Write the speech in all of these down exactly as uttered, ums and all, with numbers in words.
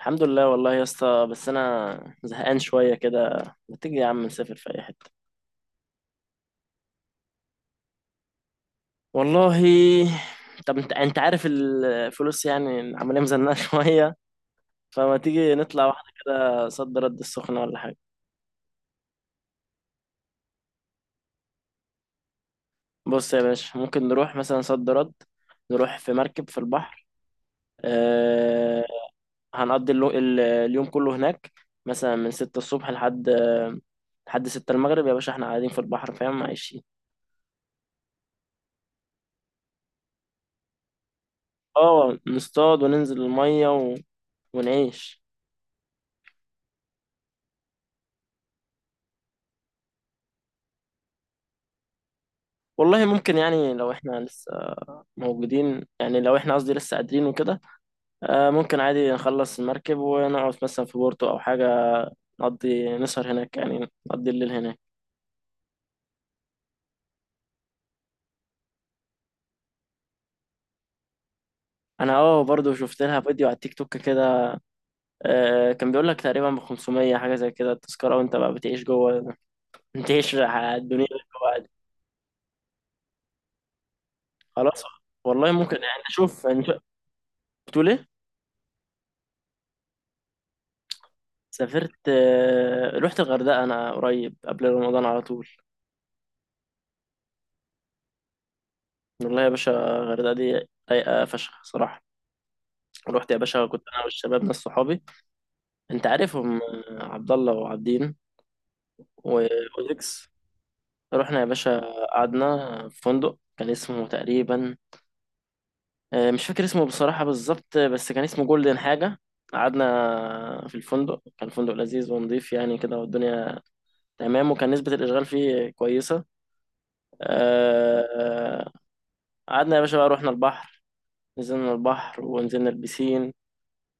الحمد لله والله يا اسطى، بس انا زهقان شويه كده. ما تيجي يا عم نسافر في اي حته؟ والله. طب انت انت عارف الفلوس، يعني عمالين مزنقه شويه. فما تيجي نطلع واحده كده صد رد السخنه ولا حاجه؟ بص يا باشا، ممكن نروح مثلا صد رد، نروح في مركب في البحر. أه. هنقضي اللو- ال- اليوم كله هناك، مثلا من ستة الصبح لحد لحد ستة المغرب يا باشا، احنا قاعدين في البحر فاهم؟ عايشين. اه نصطاد وننزل الميه ونعيش. والله ممكن يعني، لو احنا لسه موجودين، يعني لو احنا قصدي لسه قادرين وكده. آه، ممكن عادي نخلص المركب ونقعد مثلا في بورتو او حاجة، نقضي نسهر هناك، يعني نقضي الليل هناك. انا اه برضو شفت لها فيديو على التيك توك كده. آه، كان بيقول لك تقريبا ب خمسمية حاجة زي كده التذكرة، وانت بقى بتعيش جوه، بتعيش على الدنيا اللي جوه عادي. خلاص. والله ممكن، يعني اشوف، يعني شوف- بتقول ايه؟ سافرت آه، رحت الغردقة انا قريب قبل رمضان على طول. والله يا باشا، الغردقة دي رايقة فشخ صراحة. رحت يا باشا، كنت أنا والشباب ناس صحابي، أنت عارفهم، آه، عبد الله وعابدين وأوديكس. رحنا يا باشا، قعدنا في فندق كان اسمه تقريبا آه، مش فاكر اسمه بصراحة بالظبط، بس كان اسمه جولدن حاجة. قعدنا في الفندق، كان فندق لذيذ ونظيف يعني كده، والدنيا تمام، وكان نسبة الإشغال فيه كويسة. آه، آه، قعدنا يا باشا بقى، رحنا البحر، نزلنا البحر ونزلنا البسين.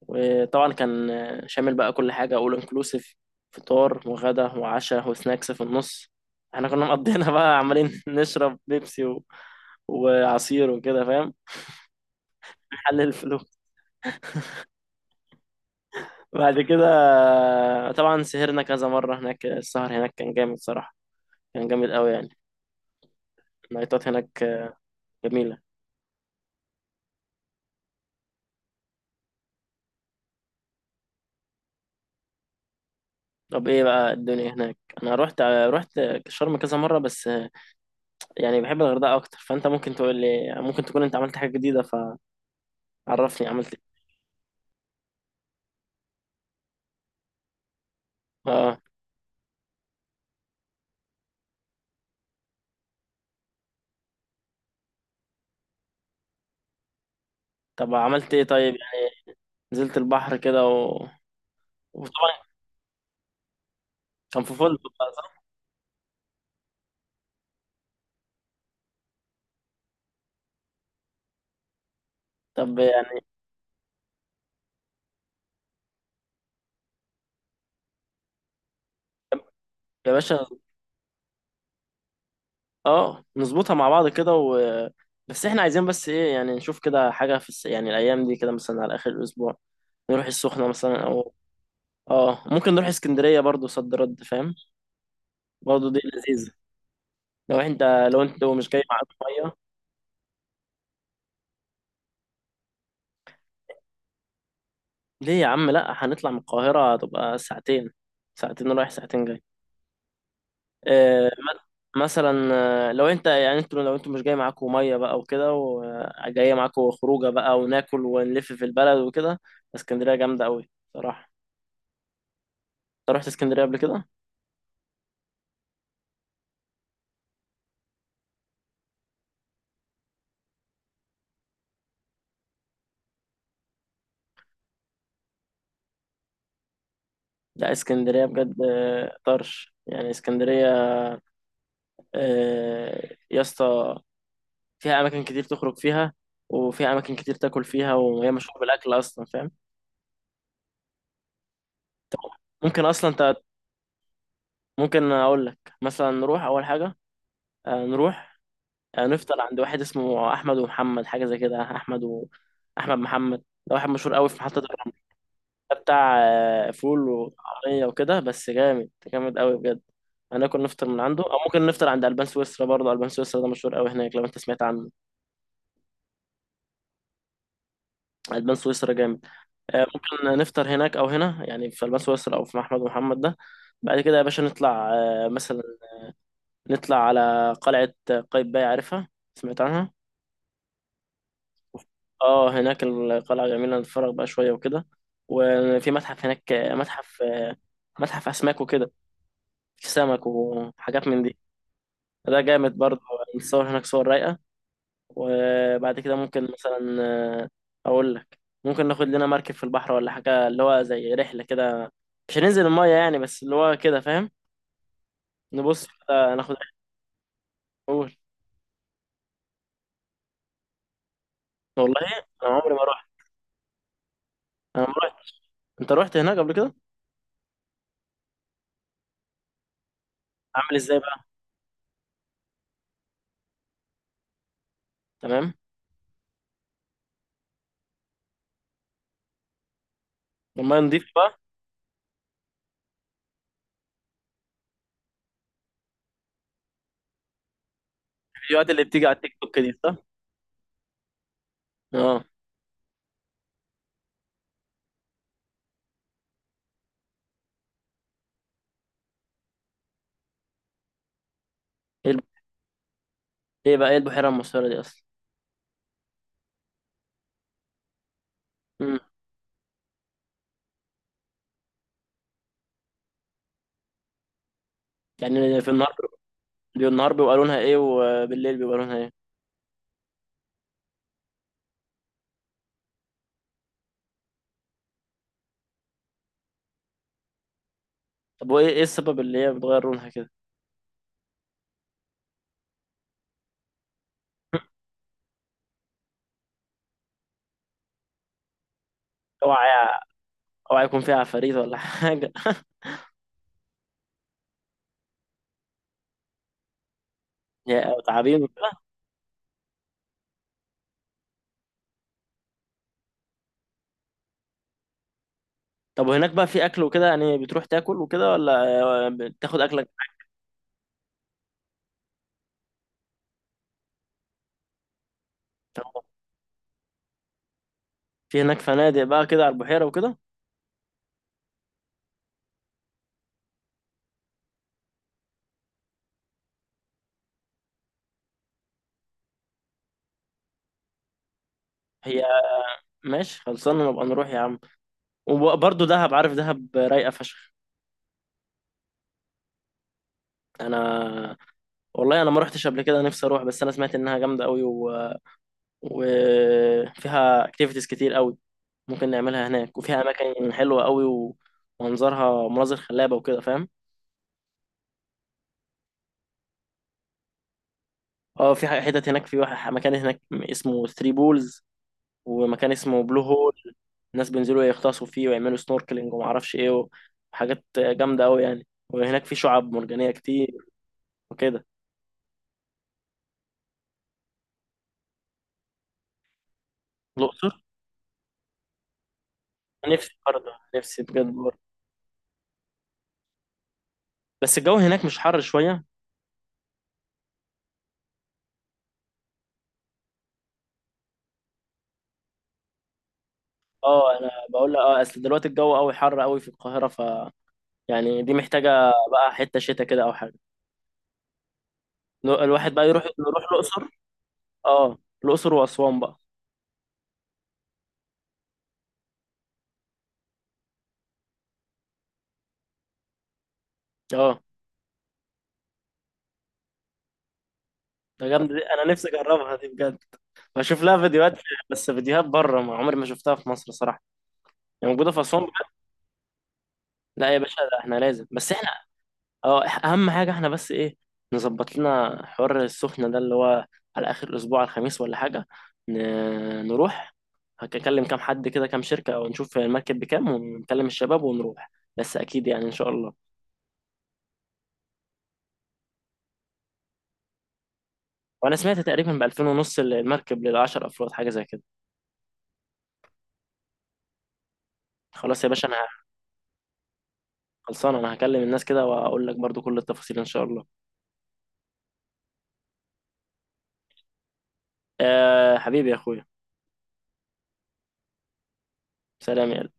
وطبعا كان شامل بقى كل حاجة، اول انكلوسيف، فطار وغدا وعشاء وسناكس في النص. احنا كنا مقضينا بقى، عمالين نشرب بيبسي و... وعصير وكده فاهم، نحلل الفلوس. بعد كده طبعا سهرنا كذا مرة هناك، السهر هناك كان جامد صراحة، كان جامد قوي يعني. النايتات هناك جميلة. طب ايه بقى الدنيا هناك؟ انا رحت رحت شرم كذا مرة، بس يعني بحب الغردقة اكتر، فانت ممكن تقول لي ممكن تكون انت عملت حاجة جديدة، فعرفني عملت ايه. اه. طب عملت ايه طيب يعني؟ نزلت البحر كده و... وطبعا كان في فندق بقى صح؟ طب يعني يا باشا، اه نظبطها مع بعض كده، و... بس احنا عايزين بس ايه يعني، نشوف كده حاجة في الس... يعني الايام دي كده مثلا، على اخر الاسبوع نروح السخنة مثلا، او اه ممكن نروح اسكندرية برضو صد رد فاهم، برضو دي لذيذة. لو انت لو انت مش جاي معاك مية. ليه يا عم؟ لا هنطلع من القاهرة هتبقى ساعتين، ساعتين رايح ساعتين جاي. آه، مثلا، آه، لو انت يعني انتوا، لو انتوا مش جاي معاكم ميه بقى وكده، وجايه معاكم خروجه بقى، وناكل ونلف في البلد وكده. اسكندريه جامده قوي صراحه. انت رحت اسكندريه قبل كده؟ لا اسكندريه بجد آه، طرش يعني اسكندريه آه، يا اسطى، فيها اماكن كتير تخرج فيها، وفيها اماكن كتير تاكل فيها، وهي مشهوره بالاكل اصلا فاهم. ممكن اصلا انت، ممكن اقول لك مثلا نروح اول حاجه، آه، نروح هنفطر عند واحد اسمه احمد ومحمد، حاجه زي كده، احمد و احمد محمد، ده واحد مشهور قوي في محطه الرمل. ده بتاع آه، فول وطعميه وكده، بس جامد جامد قوي بجد. هناكل نفطر من عنده، او ممكن نفطر عند البان سويسرا برضه. البان سويسرا ده مشهور قوي هناك، لو انت سمعت عنه، البان سويسرا جامد. آه، ممكن نفطر هناك او هنا، يعني في البان سويسرا او في احمد ومحمد ده. بعد كده يا باشا نطلع آه، مثلا، نطلع على قلعه قايتباي، عارفها؟ سمعت عنها؟ اه هناك القلعة جميلة، نتفرج بقى شوية وكده. وفي متحف هناك، متحف متحف أسماك وكده، في سمك وحاجات من دي، ده جامد برضه. نتصور هناك صور رايقة. وبعد كده ممكن مثلا آه، أقول لك، ممكن ناخد لنا مركب في البحر ولا حاجة، اللي هو زي رحلة كده، مش هننزل المية يعني، بس اللي هو كده فاهم، نبص كده ناخد رحلة. أول. والله أنا عمري ما رحت، أنا ما رحت. أنت رحت هناك قبل كده؟ عامل إزاي بقى؟ تمام. المية نضيفة بقى؟ الفيديوهات اللي بتيجي على التيك توك دي؟ اه. ايه الب- ايه بقى ايه البحيرة المسحورة دي اصلا؟ مم. يعني في النهار، بي- النهار بيبقى لونها ايه، وبالليل بيبقى لونها ايه؟ طب وايه ايه السبب اللي هي بتغير لونها كده؟ اوعى، اوعى يكون فيها عفاريت ولا حاجة يا- او تعابين وكده. طب وهناك بقى في اكل وكده يعني، بتروح تاكل وكده، ولا آه، بتاخد اكلك؟ في هناك فنادق بقى كده على البحيرة وكده؟ هي، ماشي خلصانة، نبقى نروح يا عم. وبرضه دهب، عارف دهب رايقة فشخ. انا والله انا ما رحتش قبل كده، نفسي اروح، بس انا سمعت انها جامدة قوي، وفيها اكتيفيتيز كتير قوي ممكن نعملها هناك، وفيها اماكن حلوه قوي، ومنظرها مناظر خلابه وكده فاهم. اه في ح- حتت هناك، في واحد مكان هناك اسمه ثري بولز، ومكان اسمه بلو هول. الناس بينزلوا يغطسوا فيه، ويعملوا سنوركلينج وما اعرفش ايه، وحاجات جامده قوي يعني، وهناك في شعاب مرجانيه كتير وكده. الاقصر، نفسي برضه، نفسي بجد برضه. بس الجو هناك مش حر شويه؟ اه انا بقول لك، اه اصل دلوقتي الجو قوي، حر قوي في القاهره، يعني دي محتاجة بقى حتة شتا كده أو حاجة. نو- الواحد بقى يروح، نروح الأقصر. اه الأقصر وأسوان بقى. اه. ده جامد دي، أنا نفسي أجربها دي بجد، بشوف لها فيديوهات. بس فيديوهات بره، ما عمري ما شفتها في مصر صراحة، يعني موجودة في أسوان بجد؟ لا يا باشا، ده احنا لازم، بس احنا اه إح- أهم حاجة احنا بس إيه، نظبط لنا حوار السخنة ده اللي هو على آخر الأسبوع، على الخميس ولا حاجة، ن- نروح. هكلم كام حد كده، كام شركة، ونشوف المركب بكام، ونكلم الشباب ونروح، بس أكيد يعني إن شاء الله. وانا سمعت تقريبا ب ألفين ونص المركب لل عشرة افراد، حاجه زي كده. خلاص يا باشا، انا خلصان، انا هكلم الناس كده واقول لك برضو كل التفاصيل ان شاء الله. أه حبيبي يا اخويا. سلام يا